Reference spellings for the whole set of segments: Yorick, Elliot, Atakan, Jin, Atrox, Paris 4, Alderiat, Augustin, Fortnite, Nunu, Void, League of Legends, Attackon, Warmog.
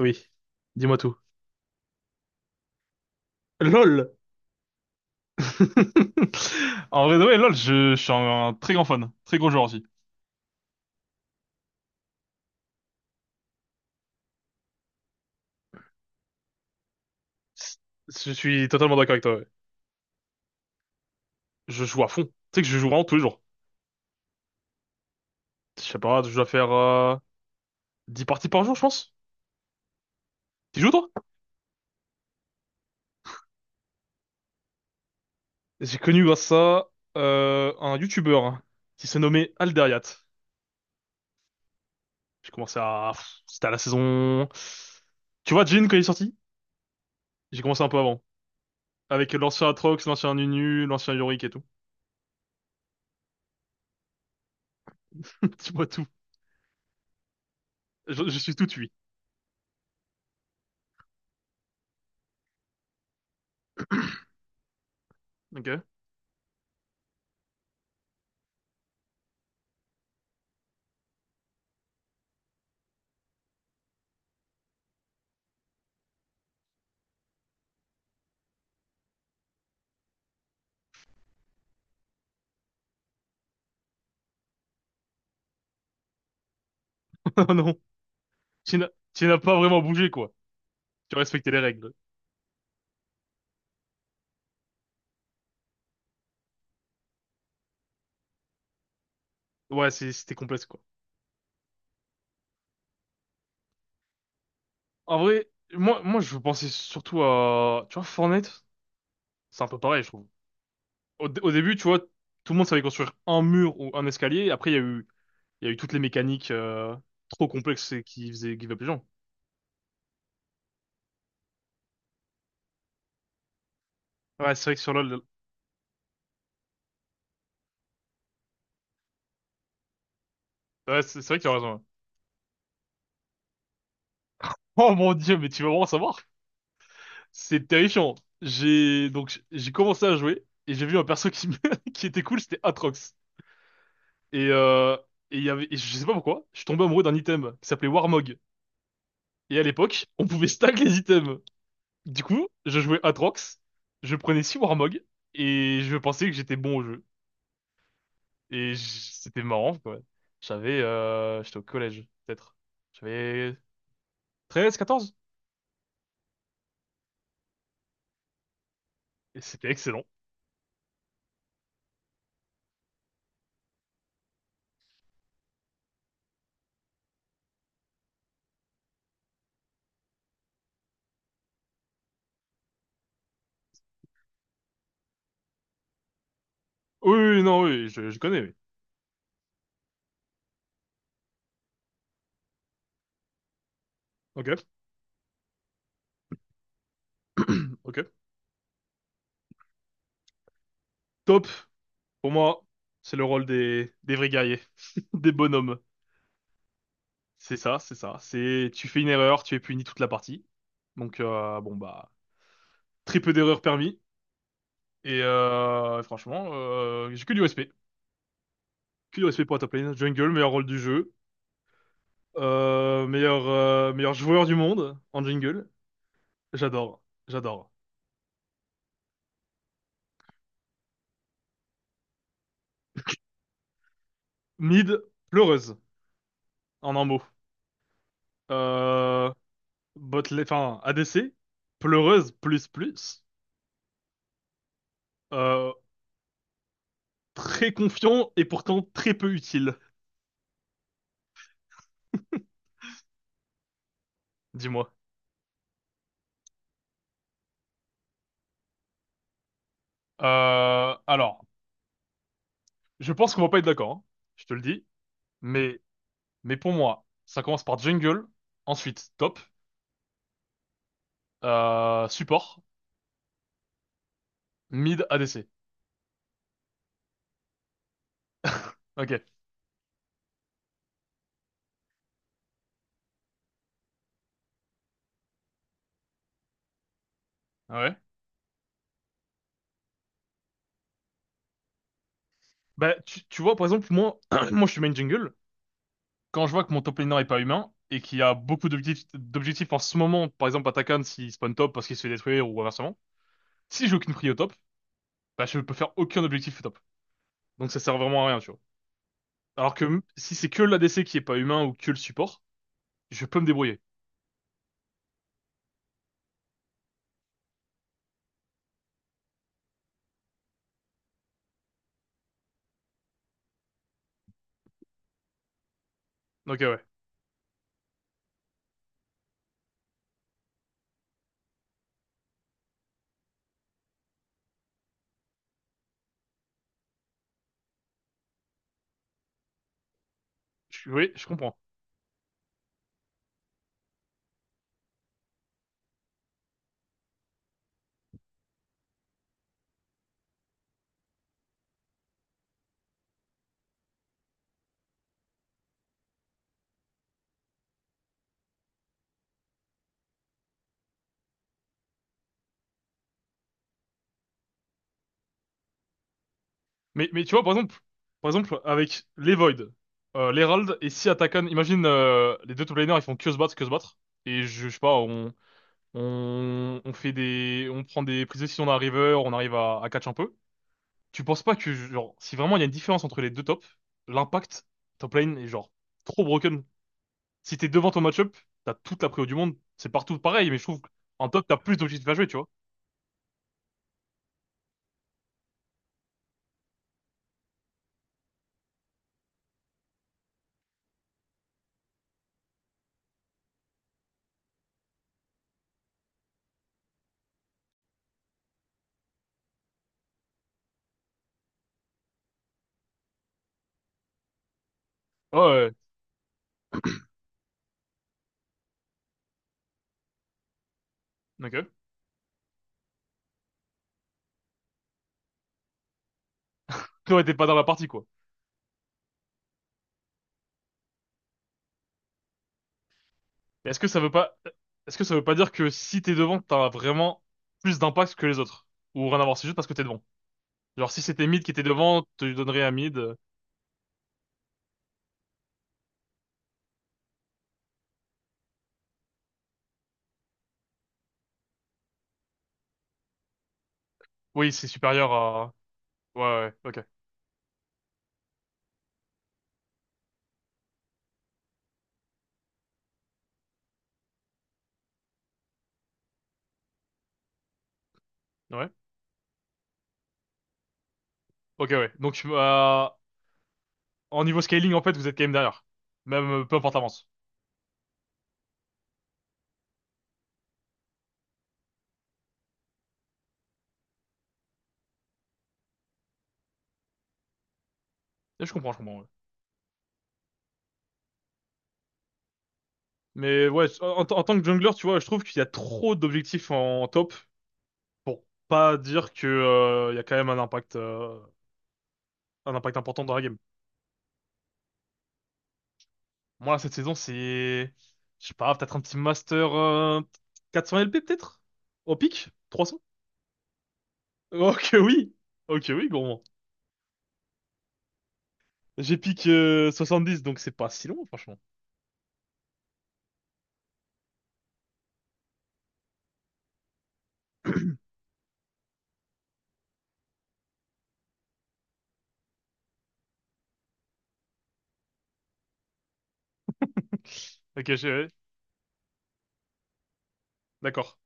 Oui, dis-moi tout. LOL! En vrai, de vrai, LOL, je suis un très grand fan, très gros joueur aussi. Je suis totalement d'accord avec toi. Ouais. Je joue à fond. Tu sais que je joue vraiment tous les jours. Je sais pas, je dois faire 10 parties par jour, je pense. Tu joues toi? J'ai connu grâce à ça, un YouTuber, hein, qui s'est nommé Alderiat. J'ai commencé à... pff, C'était à la saison. Tu vois, Jin, quand il est sorti? J'ai commencé un peu avant. Avec l'ancien Atrox, l'ancien Nunu, l'ancien Yorick et tout. Dis-moi tout. Je suis tout tué. Ok. Oh non, tu n'as tu n'as pas vraiment bougé, quoi. Tu respectais les règles. Ouais, c'était complexe, quoi. En vrai, moi, je pensais surtout à, tu vois, Fortnite, c'est un peu pareil, je trouve. Au début, tu vois, tout le monde savait construire un mur ou un escalier. Après, il y a eu toutes les mécaniques trop complexes et qui faisaient give up les gens. Ouais, c'est vrai que sur LoL. Ouais, c'est vrai que tu as raison. Ouais. Oh mon Dieu, mais tu vas vraiment savoir. C'est terrifiant. J'ai donc j'ai commencé à jouer et j'ai vu un perso qui, qui était cool, c'était Atrox. Et, euh, et je sais pas pourquoi, je suis tombé amoureux d'un item qui s'appelait Warmog. Et à l'époque, on pouvait stack les items. Du coup, je jouais Atrox, je prenais 6 Warmog, et je pensais que j'étais bon au jeu. Et c'était marrant, quoi. J'étais au collège, peut-être. J'avais 13, 14. Et c'était excellent. Oui, oui, oui, non, oui, je connais, oui. Ok. Ok. Top, pour moi, c'est le rôle des vrais guerriers, des bonhommes. C'est ça, c'est ça. C'est, tu fais une erreur, tu es puni toute la partie. Donc, bon bah, très peu d'erreurs permis. Et, franchement, j'ai que du respect pour la top lane. Jungle, meilleur rôle du jeu. Meilleur joueur du monde en jungle. J'adore, j'adore. Mid, pleureuse en un mot. Euh, enfin, ADC, pleureuse plus plus. Euh, Très confiant et pourtant très peu utile, dis-moi. Alors. Je pense qu'on va pas être d'accord, hein, je te le dis. Mais, mais pour moi, ça commence par jungle, ensuite top, support, mid, ADC. Ok. Ouais. Bah, tu vois, par exemple, moi, moi, je suis main jungle. Quand je vois que mon top laner est pas humain et qu'il y a beaucoup d'objectifs en ce moment, par exemple, Atakan s'il spawn top parce qu'il se fait détruire ou inversement, si j'ai aucune prio au top, bah, je peux faire aucun objectif au top. Donc ça sert vraiment à rien, tu vois. Alors que si c'est que l'ADC qui est pas humain ou que le support, je peux me débrouiller. Ok, ouais. Oui, je comprends. Mais tu vois, par exemple, avec les Void, l'Herald et si Attackon, imagine les deux top laners, ils font que se battre, que se battre. Et je sais pas, on prend des prises de décision d'un river, on arrive à catch un peu. Tu penses pas que, genre, si vraiment il y a une différence entre les deux tops, l'impact top lane est genre trop broken? Si t'es devant ton match-up, t'as toute la préo du monde, c'est partout pareil, mais je trouve qu'en top, t'as plus d'objectifs à jouer, tu vois. Ouais, ouais, ok. Toi, t'es pas dans la partie, quoi. Et est-ce que ça veut pas dire que si t'es devant, t'as vraiment plus d'impact que les autres? Ou rien à voir, c'est juste parce que t'es devant. Genre, si c'était mid qui était devant, tu donnerais à mid. Oui, c'est supérieur à. Ouais, ouais, ouais, ok. Ouais. Ok, ouais. Donc, en niveau scaling, en fait, vous êtes quand même derrière. Même, peu importe l'avance. Et je comprends, ouais. Mais ouais, en tant que jungler, tu vois, je trouve qu'il y a trop d'objectifs en top pour pas dire que, il y a quand même un impact important dans la game. Moi, cette saison, c'est, je sais pas, peut-être un petit master, 400 LP, peut-être? Au pic? 300? Oh que oui! Oh que oui, gourmand. J'ai pic 70, donc c'est pas si long, franchement. Ok, d'accord.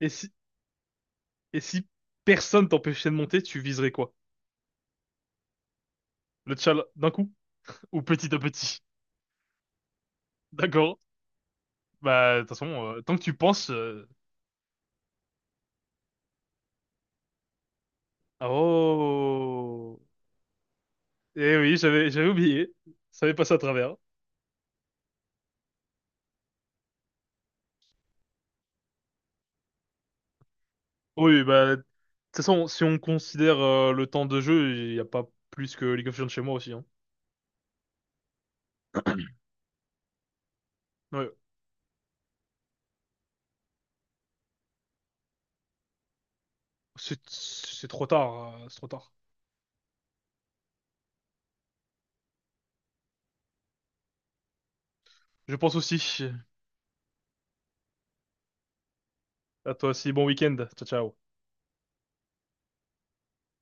Et si... Et si personne t'empêchait de monter, tu viserais quoi? Le tchal d'un coup? Ou petit à petit? D'accord. Bah, de toute façon, tant que tu penses. Oh! Eh oui, j'avais oublié. Ça m'est passé à travers. Oui, bah, de toute façon, si on considère, le temps de jeu, il n'y a pas plus que League of Legends chez moi aussi. Hein. Ouais, c'est trop tard, c'est trop tard. Je pense aussi. À toi aussi, bon week-end. Ciao, ciao.